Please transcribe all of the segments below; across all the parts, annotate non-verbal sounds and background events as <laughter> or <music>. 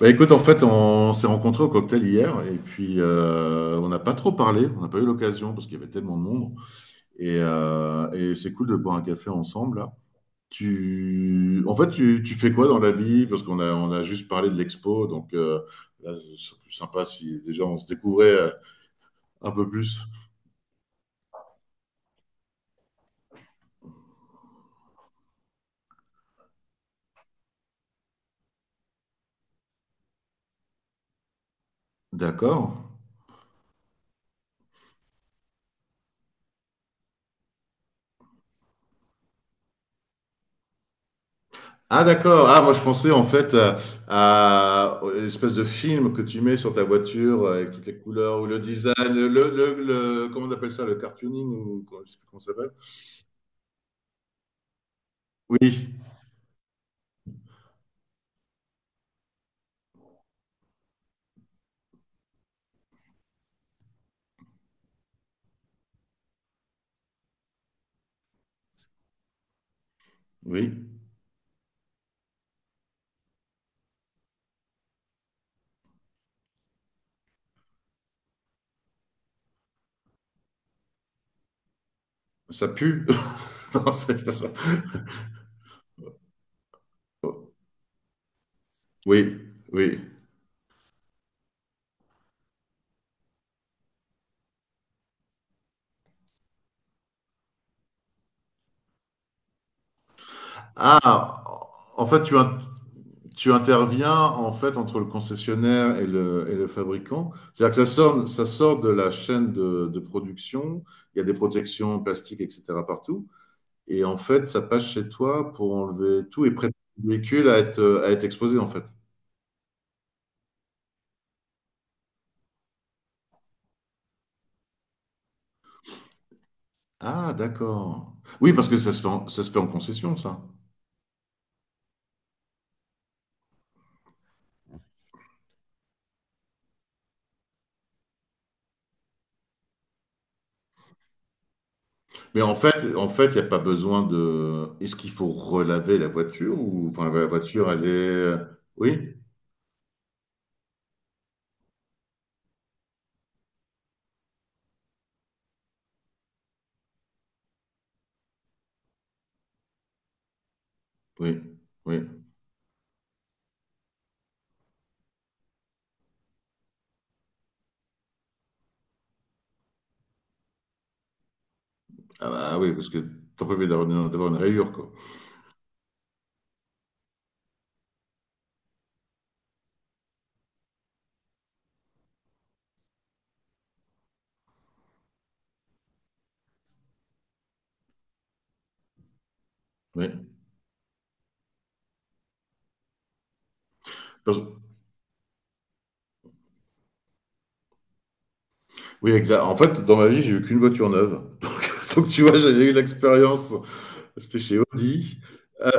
Écoute, en fait, on s'est rencontrés au cocktail hier et puis on n'a pas trop parlé, on n'a pas eu l'occasion parce qu'il y avait tellement de monde. Et c'est cool de boire un café ensemble là. Tu, en fait, tu fais quoi dans la vie? Parce qu'on a juste parlé de l'expo, là, c'est plus sympa si déjà on se découvrait un peu plus. D'accord. Ah d'accord. Ah moi je pensais en fait à l'espèce de film que tu mets sur ta voiture avec toutes les couleurs ou le design, comment on appelle ça, le cartooning je sais plus comment ça s'appelle. Oui, oui, ça pue. <laughs> Non, c'est pas ça. Oui, oui. Ah, en fait tu, in- tu interviens en fait entre le concessionnaire et le fabricant. C'est-à-dire que ça sort de la chaîne de production. Il y a des protections plastiques, etc. partout. Et en fait, ça passe chez toi pour enlever tout et préparer le véhicule à à être exposé, en fait? Ah d'accord. Oui, parce que ça se fait en concession, ça. Mais en fait, il y a pas besoin de est-ce qu'il faut relaver la voiture ou enfin, la voiture, elle est, euh, oui? Oui, oui. Ah bah, ah oui, parce que tu es pas obligé d'avoir une rayure, quoi. Oui. Parce Oui, exact. En fait, dans ma vie, j'ai eu qu'une voiture neuve. <laughs> Donc tu vois, j'ai eu l'expérience. C'était chez Audi. Euh,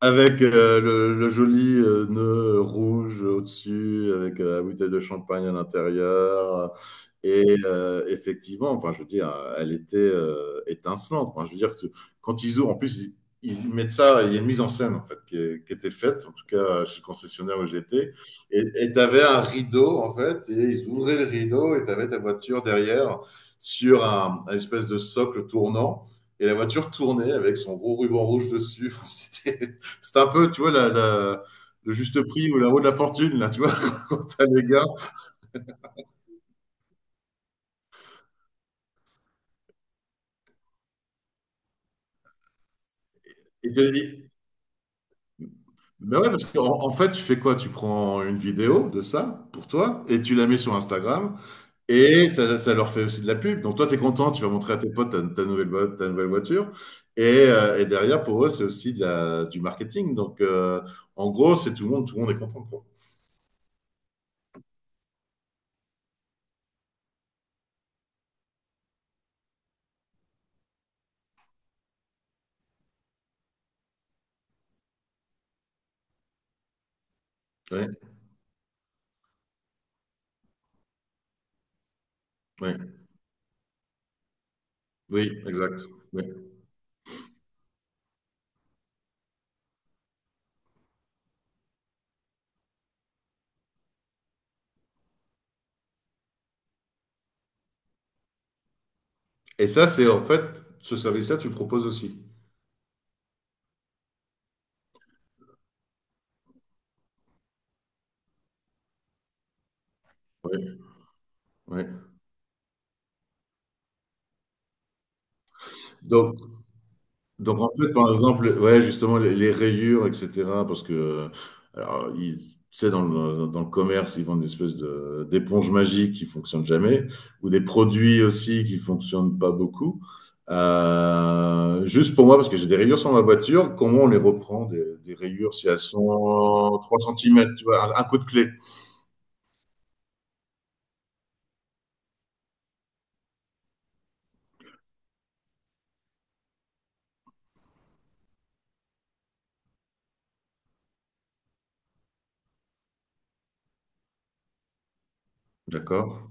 Avec le joli nœud rouge au-dessus, avec la bouteille de champagne à l'intérieur. Et effectivement, enfin, je veux dire, elle était étincelante. Enfin, je veux dire que quand ils ouvrent, en plus, ils mettent ça, il y a une mise en scène en fait qui était faite, en tout cas chez le concessionnaire où j'étais. Et tu avais un rideau en fait, et ils ouvraient le rideau et tu avais ta voiture derrière sur un espèce de socle tournant. Et la voiture tournait avec son gros ruban rouge dessus. <laughs> C'était un peu, tu vois, le juste prix ou la roue de la fortune, là, tu vois, <laughs> quand t'as les gars. Et tu dit, ben ouais, parce qu'en en fait, tu fais quoi? Tu prends une vidéo de ça pour toi et tu la mets sur Instagram et ça leur fait aussi de la pub. Donc toi, tu es content, tu vas montrer à tes potes ta nouvelle voiture. Et, et derrière, pour eux, c'est aussi du marketing. En gros, c'est tout le monde est content, quoi. Ouais, ouais, oui, exact. Et ça, c'est en fait, ce service-là, tu le proposes aussi. Ouais, ouais. Donc, En fait, par exemple, ouais, justement, les rayures, etc., parce que, alors, tu sais, dans le commerce, ils vendent des espèces d'éponges magiques qui fonctionnent jamais, ou des produits aussi qui fonctionnent pas beaucoup. Juste pour moi, parce que j'ai des rayures sur ma voiture, comment on les reprend, des rayures, si elles sont 3 cm, tu vois, un coup de clé, d'accord?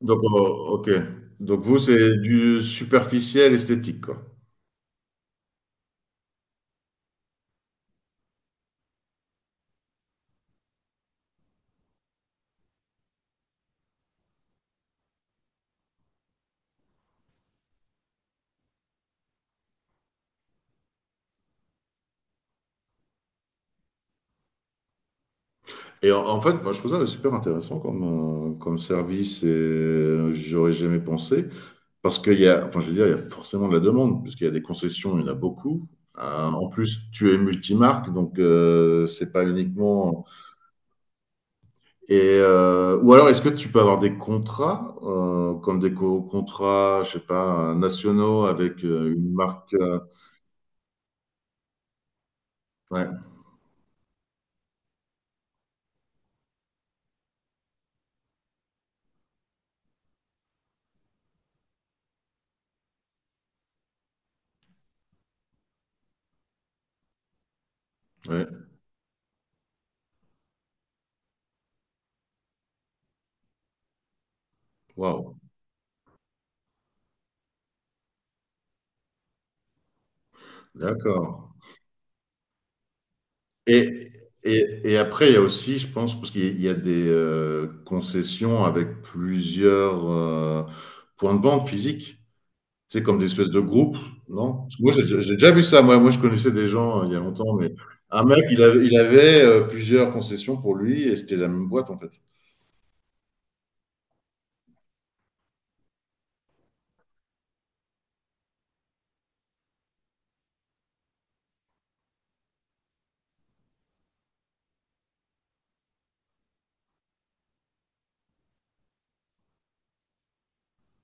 Donc, oh, ok. Donc, vous, c'est du superficiel esthétique, quoi. Et en fait, moi, je trouve ça super intéressant comme, comme service et j'aurais jamais pensé. Parce qu'il y a, enfin, je veux dire, il y a forcément de la demande, puisqu'il y a des concessions, il y en a beaucoup. En plus, tu es multimarque, donc c'est pas uniquement. Et ou alors, est-ce que tu peux avoir des contrats, comme des contrats, je sais pas, nationaux avec une marque Ouais, ouais. Waouh, d'accord. Et, et après, il y a aussi, je pense, parce qu'il y a il y a des concessions avec plusieurs points de vente physiques. C'est comme des espèces de groupes, non? Parce que moi, j'ai déjà vu ça. Moi, je connaissais des gens, il y a longtemps, mais un mec, il avait plusieurs concessions pour lui et c'était la même boîte, en fait.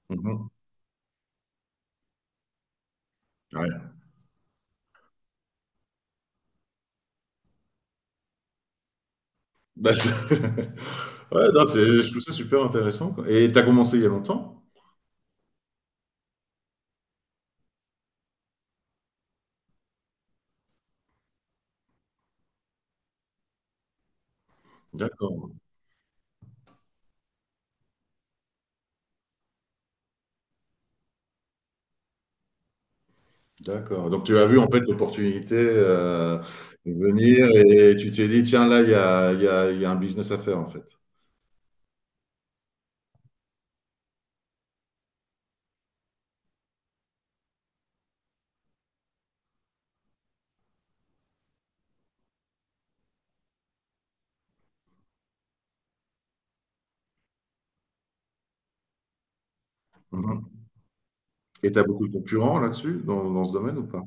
Mmh mh. Ouais. Bah, c'est <laughs> ouais, non, c'est je trouve ça super intéressant, quoi et tu as commencé il y a longtemps? D'accord, d'accord. Donc tu as vu en fait l'opportunité, venir et tu t'es dit: «Tiens là, il y a il y a un business à faire en fait». Mmh et tu as beaucoup de concurrents là-dessus, dans ce domaine ou pas?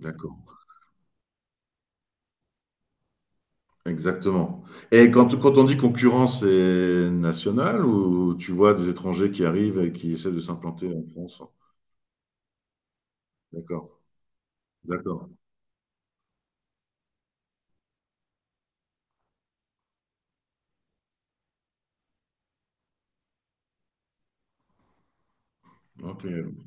D'accord, exactement et quand on dit concurrent, c'est national ou tu vois des étrangers qui arrivent et qui essaient de s'implanter en France? D'accord, d'accord. OK.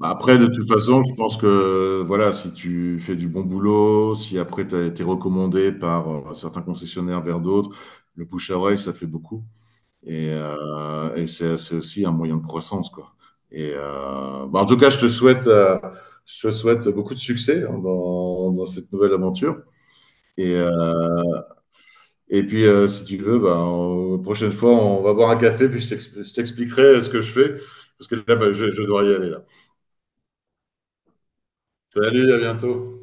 Bah, après, de toute façon, je pense que voilà, si tu fais du bon boulot, si après tu as été recommandé par certains concessionnaires vers d'autres, le bouche à oreille, ça fait beaucoup. Et, euh, et c'est aussi un moyen de croissance, quoi. Et en tout cas, je te souhaite beaucoup de succès hein, dans cette nouvelle aventure. Et, euh, et puis, si tu veux, bah, prochaine fois, on va boire un café, puis je t'expliquerai ce que je fais, parce que là, bah, je dois y aller là. Salut, à bientôt.